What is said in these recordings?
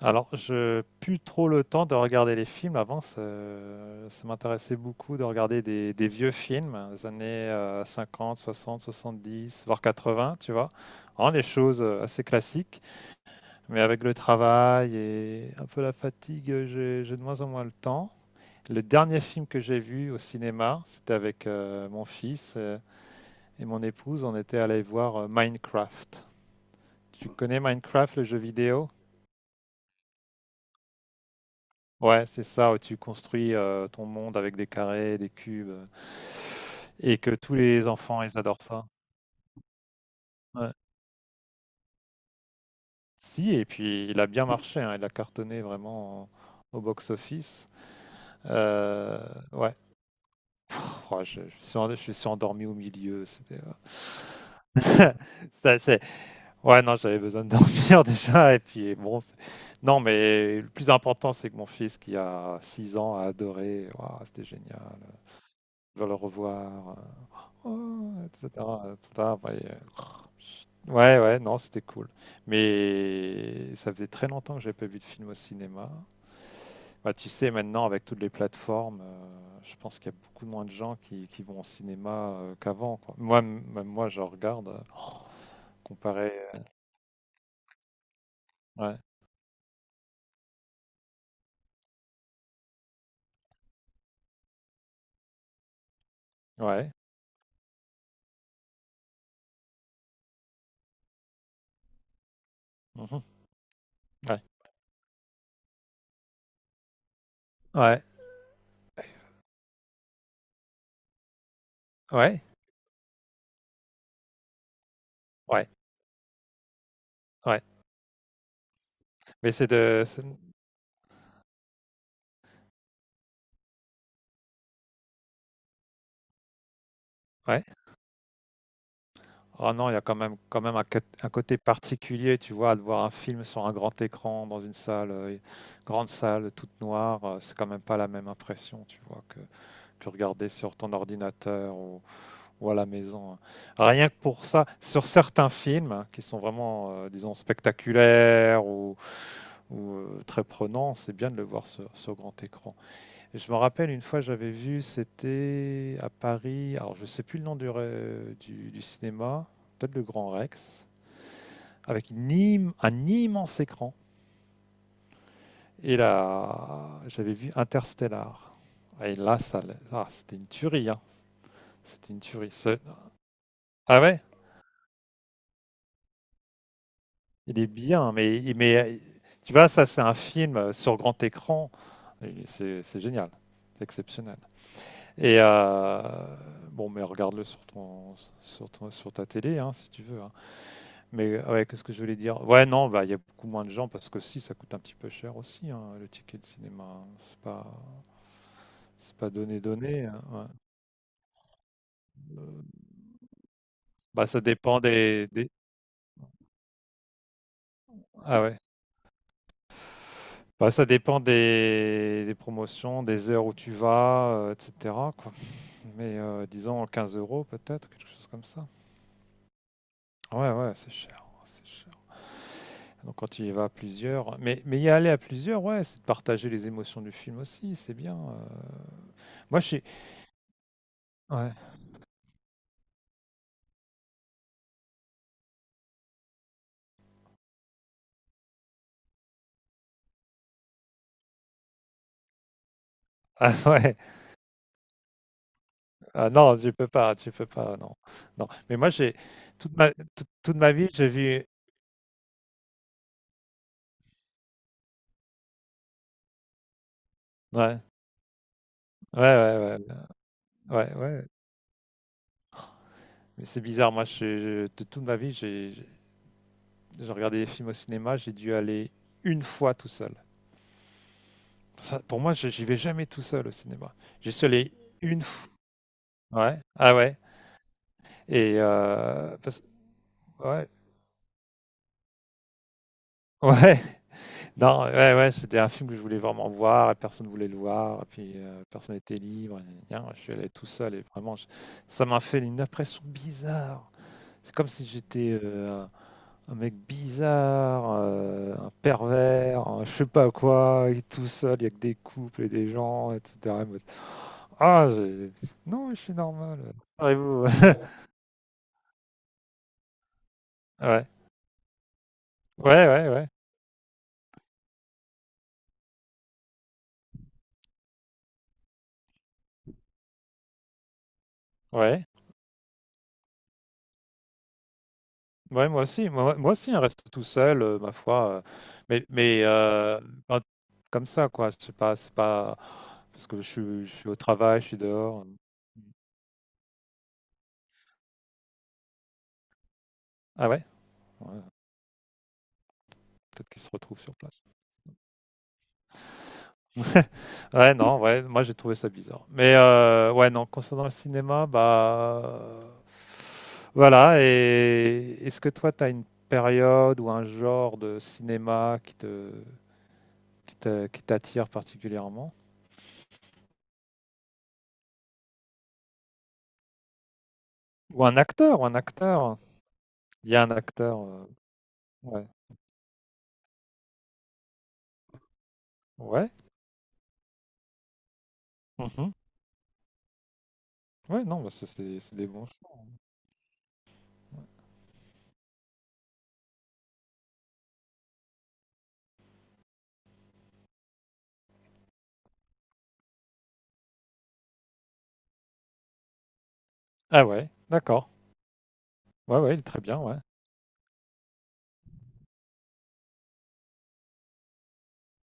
Alors, je plus trop le temps de regarder les films. Avant, ça m'intéressait beaucoup de regarder des vieux films, des années 50, 60, 70, voire 80, tu vois. Vraiment les choses assez classiques. Mais avec le travail et un peu la fatigue, j'ai de moins en moins le temps. Le dernier film que j'ai vu au cinéma, c'était avec mon fils et mon épouse. On était allés voir Minecraft. Tu connais Minecraft, le jeu vidéo? Ouais, c'est ça, où tu construis ton monde avec des carrés, des cubes, et que tous les enfants, ils adorent ça. Ouais. Si, et puis il a bien marché, hein, il a cartonné vraiment au box-office. Euh, ouais. Pff, oh, je suis endormi au milieu. C'était, c'était assez- ouais, non, j'avais besoin de dormir déjà, et puis bon, non, mais le plus important, c'est que mon fils, qui a 6 ans, a adoré. Waouh, c'était génial, je vais le revoir. Oh, et cetera, et cetera. Après, ouais, ouais, non, c'était cool. Mais ça faisait très longtemps que j'avais pas vu de film au cinéma. Bah, tu sais, maintenant, avec toutes les plateformes, je pense qu'il y a beaucoup moins de gens qui vont au cinéma qu'avant, quoi. Moi, même moi, je regarde, oh, comparé... ouais, ouais. Mhm. Ouais, ouais, ouais, ouais, ouais. Mais ouais. Ah non, il y a quand même un côté particulier, tu vois, de voir un film sur un grand écran, dans une salle, grande salle, toute noire, c'est quand même pas la même impression, tu vois, que regarder sur ton ordinateur ou à la maison, hein. Rien que pour ça, sur certains films hein, qui sont vraiment, disons, spectaculaires ou, très prenants, c'est bien de le voir sur grand écran. Et je me rappelle une fois j'avais vu, c'était à Paris, alors je sais plus le nom du cinéma, peut-être le Grand Rex, avec un immense écran. Et là, j'avais vu Interstellar. Et là, ça, ah, c'était une tuerie, hein. C'était une tuerie. Ah ouais, il est bien, mais tu vois, ça c'est un film sur grand écran. Et c'est génial, c'est exceptionnel. Et bon, mais regarde-le sur ta télé, hein, si tu veux, hein. Mais ouais, qu'est-ce que je voulais dire? Ouais, non, bah il y a beaucoup moins de gens parce que si ça coûte un petit peu cher aussi, hein, le ticket de cinéma, hein. C'est pas donné donné, hein, ouais. Euh, Bah ça dépend, ah ouais. Bah ça dépend des promotions, des heures où tu vas, etc., quoi. Mais disons 15 € peut-être, quelque chose comme ça. Ouais, ouais, c'est cher, c'est cher. Donc quand tu y vas à plusieurs, mais y aller à plusieurs, ouais, c'est de partager les émotions du film aussi, c'est bien. Moi, je suis... Ouais. Ah ouais, ah non, tu peux pas, non. Non. Mais moi, j'ai toute, toute ma vie, j'ai vu. Ouais, ouais, ouais, ouais, ouais, ouais. Mais c'est bizarre, moi, de toute ma vie, j'ai regardé des films au cinéma, j'ai dû aller une fois tout seul. Ça, pour moi, j'y vais jamais tout seul au cinéma. J'y suis allé une fois. Ouais, ah ouais. Et euh, parce- ouais, ouais. Non, ouais, ouais, c'était un film que je voulais vraiment voir et personne ne voulait le voir. Et puis personne n'était libre, et gna, je suis allé tout seul et vraiment, ça m'a fait une impression bizarre. C'est comme si j'étais un mec bizarre, un pervers, un je sais pas quoi, et tout seul, il y a que des couples et des gens, etc. Et moi, ah, non, je suis normal. Vous. Ouais, ouais, ouais, ouais. Ouais, moi aussi, hein, reste tout seul, ma foi. Mais ben, comme ça, quoi. C'est pas parce que je suis au travail, je suis dehors. Mmh. Ah ouais? Ouais, peut-être qu'ils se retrouvent sur place. Ouais, non, ouais, moi j'ai trouvé ça bizarre. Mais ouais, non, concernant le cinéma, bah voilà. Et est-ce que toi, t'as une période ou un genre de cinéma qui te qui t'attire particulièrement? Ou un acteur, ou un acteur? Il y a un acteur, ouais. Ouais. Mmh. Ouais, non, bah, ça c'est des bons choix, hein. Ah ouais, d'accord. Ouais, ouais, il est très bien, ouais.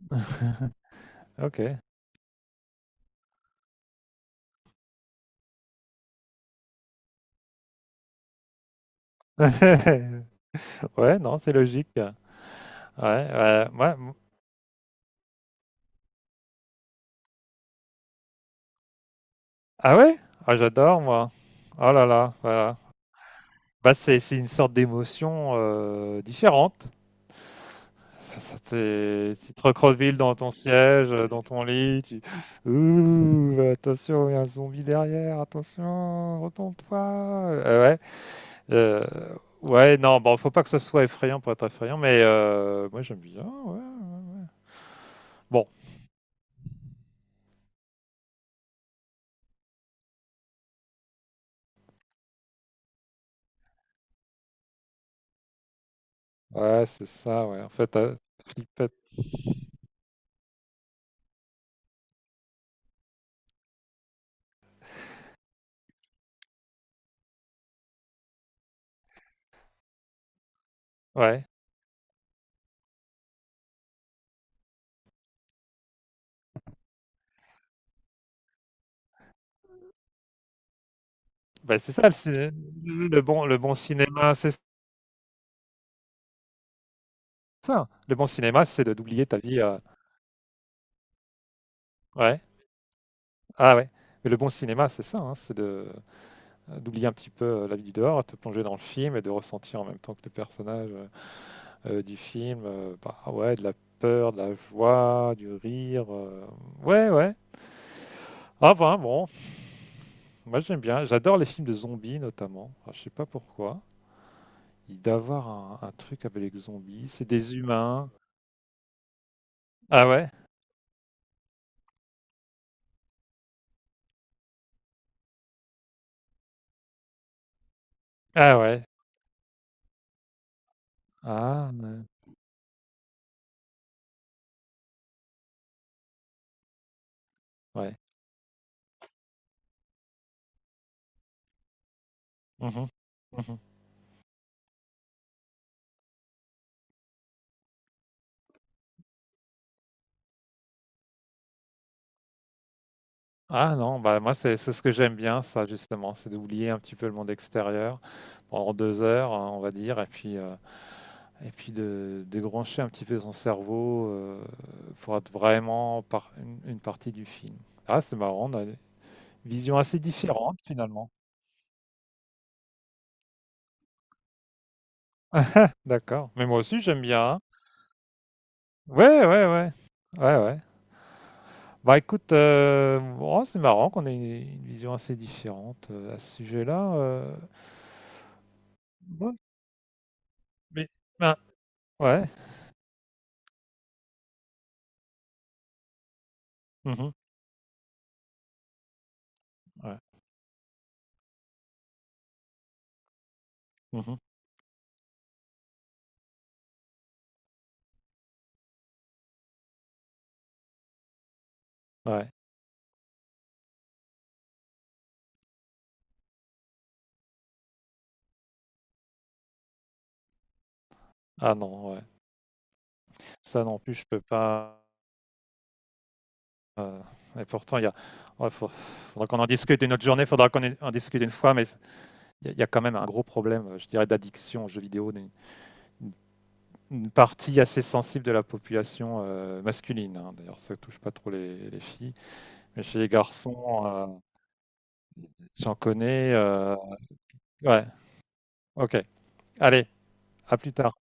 OK. Ouais, non, c'est logique. Ouais, ouais, ouais, m ah ouais? Ah j'adore moi. Oh là là, voilà. Bah, c'est une sorte d'émotion, différente. Ça t'es tu te recroquevilles dans ton siège, dans ton lit, tu: «Ouh, attention, il y a un zombie derrière, attention, retourne-toi!» Ouais. Euh, ouais, non, bon, faut pas que ce soit effrayant pour être effrayant, mais moi j'aime bien. Ouais, ouais, ouais. Bon, ouais, c'est ça, ouais. En fait, flippette. Ouais, bah, c'est ça le, ciné- le bon, cinéma, c'est ça. Le bon cinéma, c'est de d'oublier ta vie. Ouais, ah ouais. Mais le bon cinéma, c'est ça, hein, c'est de d'oublier un petit peu la vie du dehors, te plonger dans le film et de ressentir en même temps que les personnages du film, bah ouais, de la peur, de la joie, du rire. Ouais, ouais. Ah ben bon, moi j'aime bien, j'adore les films de zombies notamment. Enfin, je sais pas pourquoi. Il doit avoir un truc avec les zombies, c'est des humains. Ah ouais? Ah ouais. Ah ouais. Ouais. Mhm. Mhm. Ah non, bah moi c'est ce que j'aime bien ça justement, c'est d'oublier un petit peu le monde extérieur pendant 2 heures, hein, on va dire, et puis de débrancher un petit peu son cerveau pour être vraiment par une partie du film. Ah c'est marrant, on a des visions assez différentes finalement. D'accord. Mais moi aussi, j'aime bien, hein. Ouais, ouais, ouais. Ouais, ouais. Bah écoute, oh, c'est marrant qu'on ait une vision assez différente à ce sujet-là. Ouais. Mais, ben, ouais. Mhm, ouais. Mhm, ouais. Ah non, ouais. Ça non plus, je peux pas. euh, Et pourtant, il y a. Ouais, faudra qu'on en discute une autre journée, faudra qu'on en discute une fois, mais il y a quand même un gros problème, je dirais, d'addiction aux jeux vidéo d'une une partie assez sensible de la population masculine, hein. D'ailleurs, ça touche pas trop les filles. Mais chez les garçons, j'en connais. Ouais, ok. Allez, à plus tard.